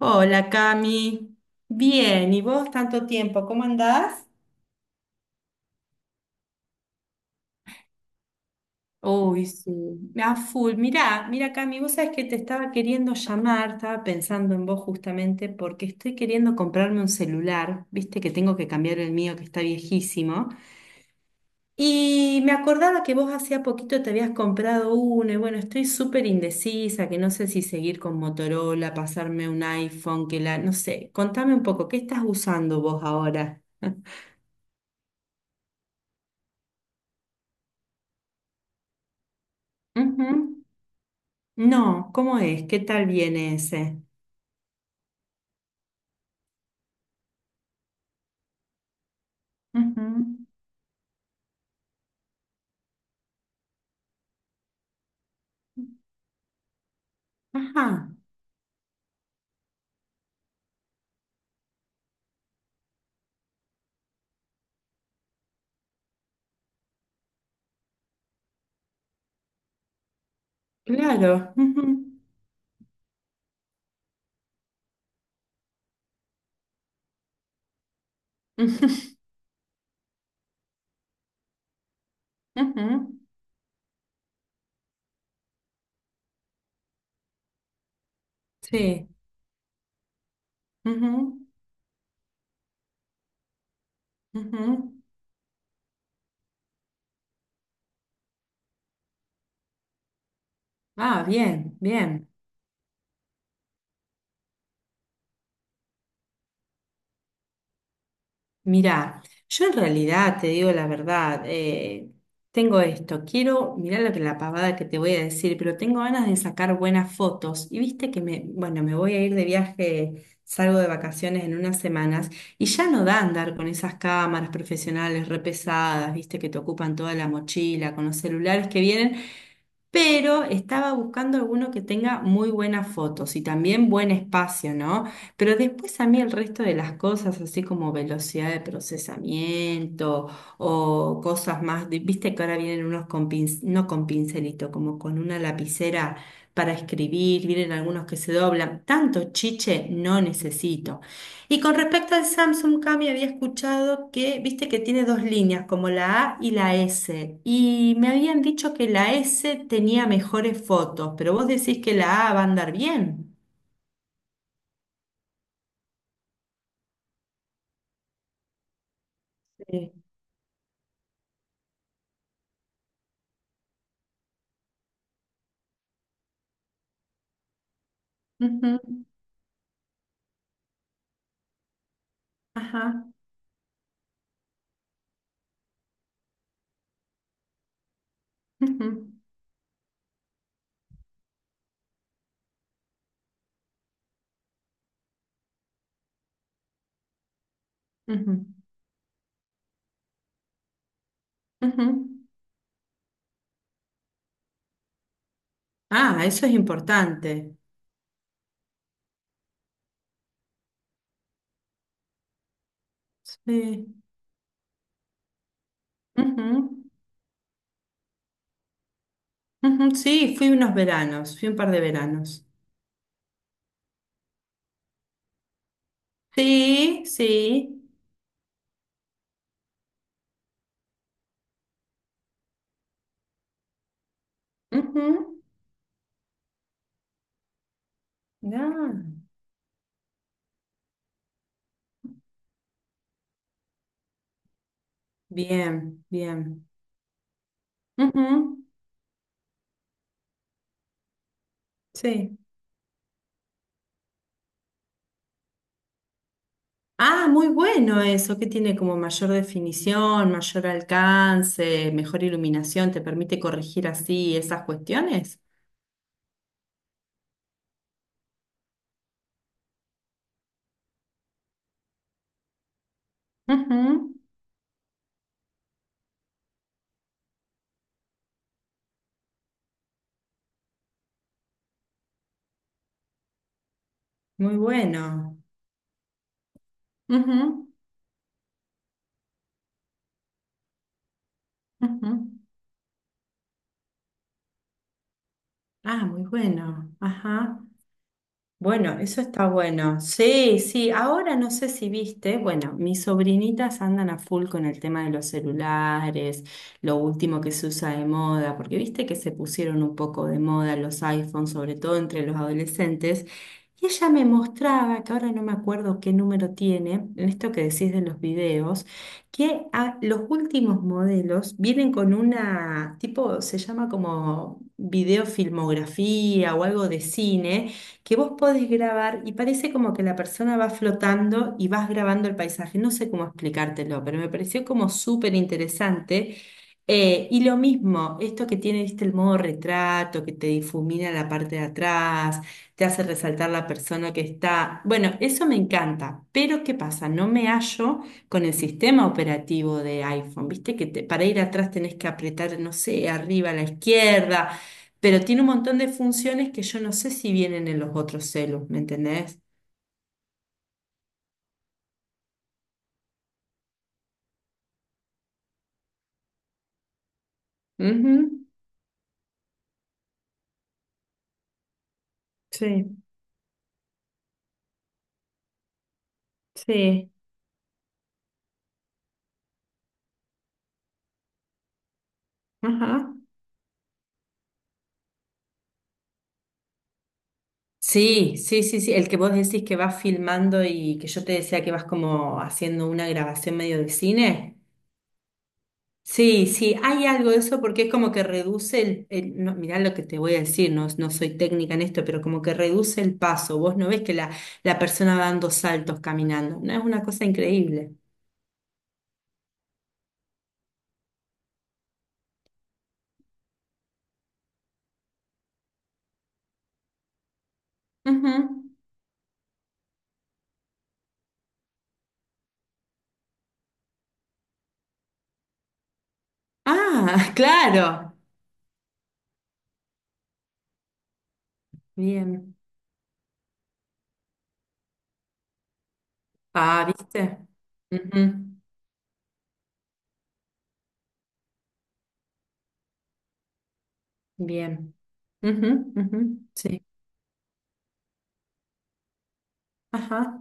Hola Cami, bien, ¿y vos tanto tiempo? ¿Cómo andás? Uy, sí, a full. Mira Cami, vos sabés que te estaba queriendo llamar, estaba pensando en vos justamente porque estoy queriendo comprarme un celular, viste que tengo que cambiar el mío que está viejísimo. Y me acordaba que vos hacía poquito te habías comprado uno y bueno, estoy súper indecisa, que no sé si seguir con Motorola, pasarme un iPhone, que la, no sé, contame un poco, ¿qué estás usando vos ahora? Ujú. No, ¿cómo es? ¿Qué tal viene ese? Ujú. Ajá, claro. Ujú, ujú, ujú, sí. Ujú, ujú. Ah, bien, bien. Mira, yo en realidad te digo la verdad, tengo esto, quiero, mirá lo que la pavada que te voy a decir, pero tengo ganas de sacar buenas fotos. Y viste que me, bueno, me voy a ir de viaje, salgo de vacaciones en unas semanas y ya no da andar con esas cámaras profesionales re pesadas, viste, que te ocupan toda la mochila, con los celulares que vienen pero estaba buscando alguno que tenga muy buenas fotos y también buen espacio, ¿no? Pero después a mí el resto de las cosas, así como velocidad de procesamiento o cosas más, viste que ahora vienen unos con no con pincelito, como con una lapicera para escribir, vienen algunos que se doblan, tanto chiche no necesito. Y con respecto al Samsung Cami, había escuchado que, viste que tiene dos líneas, como la A y la S. Y me habían dicho que la S tenía mejores fotos, pero vos decís que la A va a andar bien. Sí. Ujú, ajá. Ujú, ujú, ujú. Ah, eso es importante. Sí. Ujú, ujú, sí, fui unos veranos, fui un par de veranos. Sí, sí. Ujú. Ah, bien, bien. Ujú. Sí. Ah, muy bueno eso, que tiene como mayor definición, mayor alcance, mejor iluminación, te permite corregir así esas cuestiones. Ujú, muy bueno. Ujú, ujú. Ah, muy bueno. Ajá. Bueno, eso está bueno. Sí, sí. Ahora no sé si viste, bueno, mis sobrinitas andan a full con el tema de los celulares, lo último que se usa de moda, porque viste que se pusieron un poco de moda los iPhones, sobre todo entre los adolescentes. Y ella me mostraba, que ahora no me acuerdo qué número tiene, en esto que decís de los videos, que los últimos modelos vienen con una, tipo, se llama como videofilmografía o algo de cine que vos podés grabar y parece como que la persona va flotando y vas grabando el paisaje. No sé cómo explicártelo, pero me pareció como súper interesante. Y lo mismo, esto que tiene, viste, el modo retrato, que te difumina la parte de atrás, te hace resaltar la persona que está. Bueno, eso me encanta, pero ¿qué pasa? No me hallo con el sistema operativo de iPhone, viste, que para ir atrás tenés que apretar, no sé, arriba a la izquierda pero tiene un montón de funciones que yo no sé si vienen en los otros celos, ¿me entendés? Ujú, sí, sí, ajá. Sí, sí, sí, sí, el que vos decís que vas filmando y que yo te decía que vas como haciendo una grabación medio de cine. Sí, sí, hay algo de eso porque es como que reduce no, mirá lo que te voy a decir, no, no soy técnica en esto, pero como que reduce el paso. Vos no ves que la persona va dando saltos caminando, no es una cosa increíble. Ujú. Ah, claro. Bien. Ah, ¿viste? Ujú, bien. Ujú, ujú, sí. Ajá.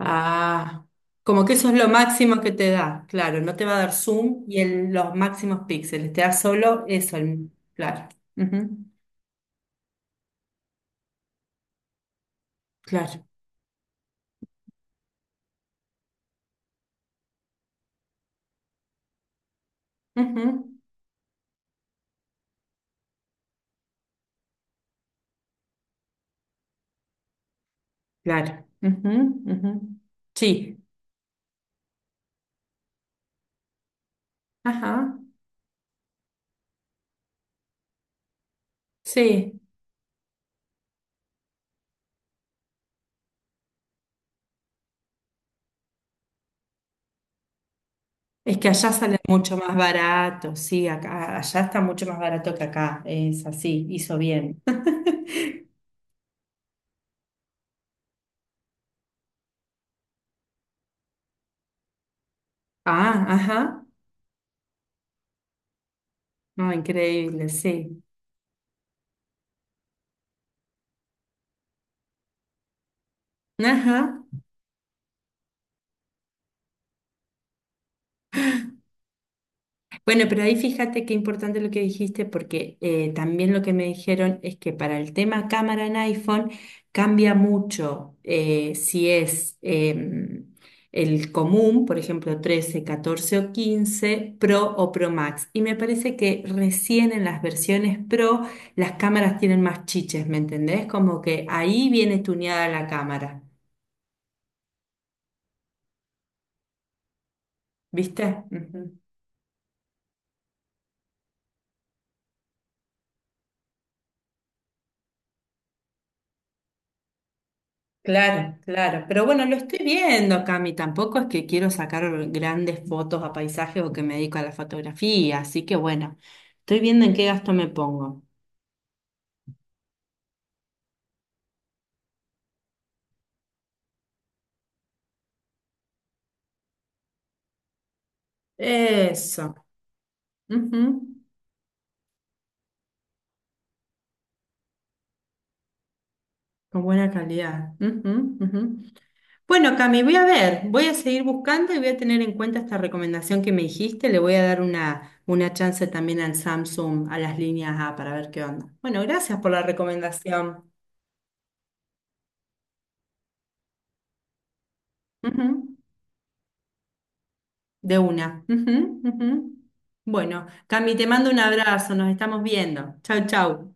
Ah, como que eso es lo máximo que te da. Claro, no te va a dar zoom y los máximos píxeles. Te da solo eso. Claro. Ujú, claro. Ujú, claro. Ujú, ujú. Sí. Ajá. Sí. Es que allá sale mucho más barato. Sí, acá, allá está mucho más barato que acá. Es así. Hizo bien. Ah, ajá. No, increíble, sí. Ajá. Bueno, pero ahí fíjate qué importante lo que dijiste, porque también lo que me dijeron es que para el tema cámara en iPhone cambia mucho, si es el común, por ejemplo, 13, 14 o 15 Pro o Pro Max. Y me parece que recién en las versiones Pro las cámaras tienen más chiches, ¿me entendés? Como que ahí viene tuneada la cámara, ¿viste? Claro, claro. Pero bueno, lo estoy viendo, Cami. Tampoco es que quiero sacar grandes fotos a paisajes o que me dedico a la fotografía. Así que bueno, estoy viendo en qué gasto me pongo. Eso. Ujú. Con buena calidad. Ujú, ujú. Bueno, Cami, voy a ver. Voy a seguir buscando y voy a tener en cuenta esta recomendación que me dijiste. Le voy a dar una chance también al Samsung, a las líneas A, para ver qué onda. Bueno, gracias por la recomendación. Ujú. De una. Ujú, ujú. Bueno, Cami, te mando un abrazo, nos estamos viendo. Chau, chau.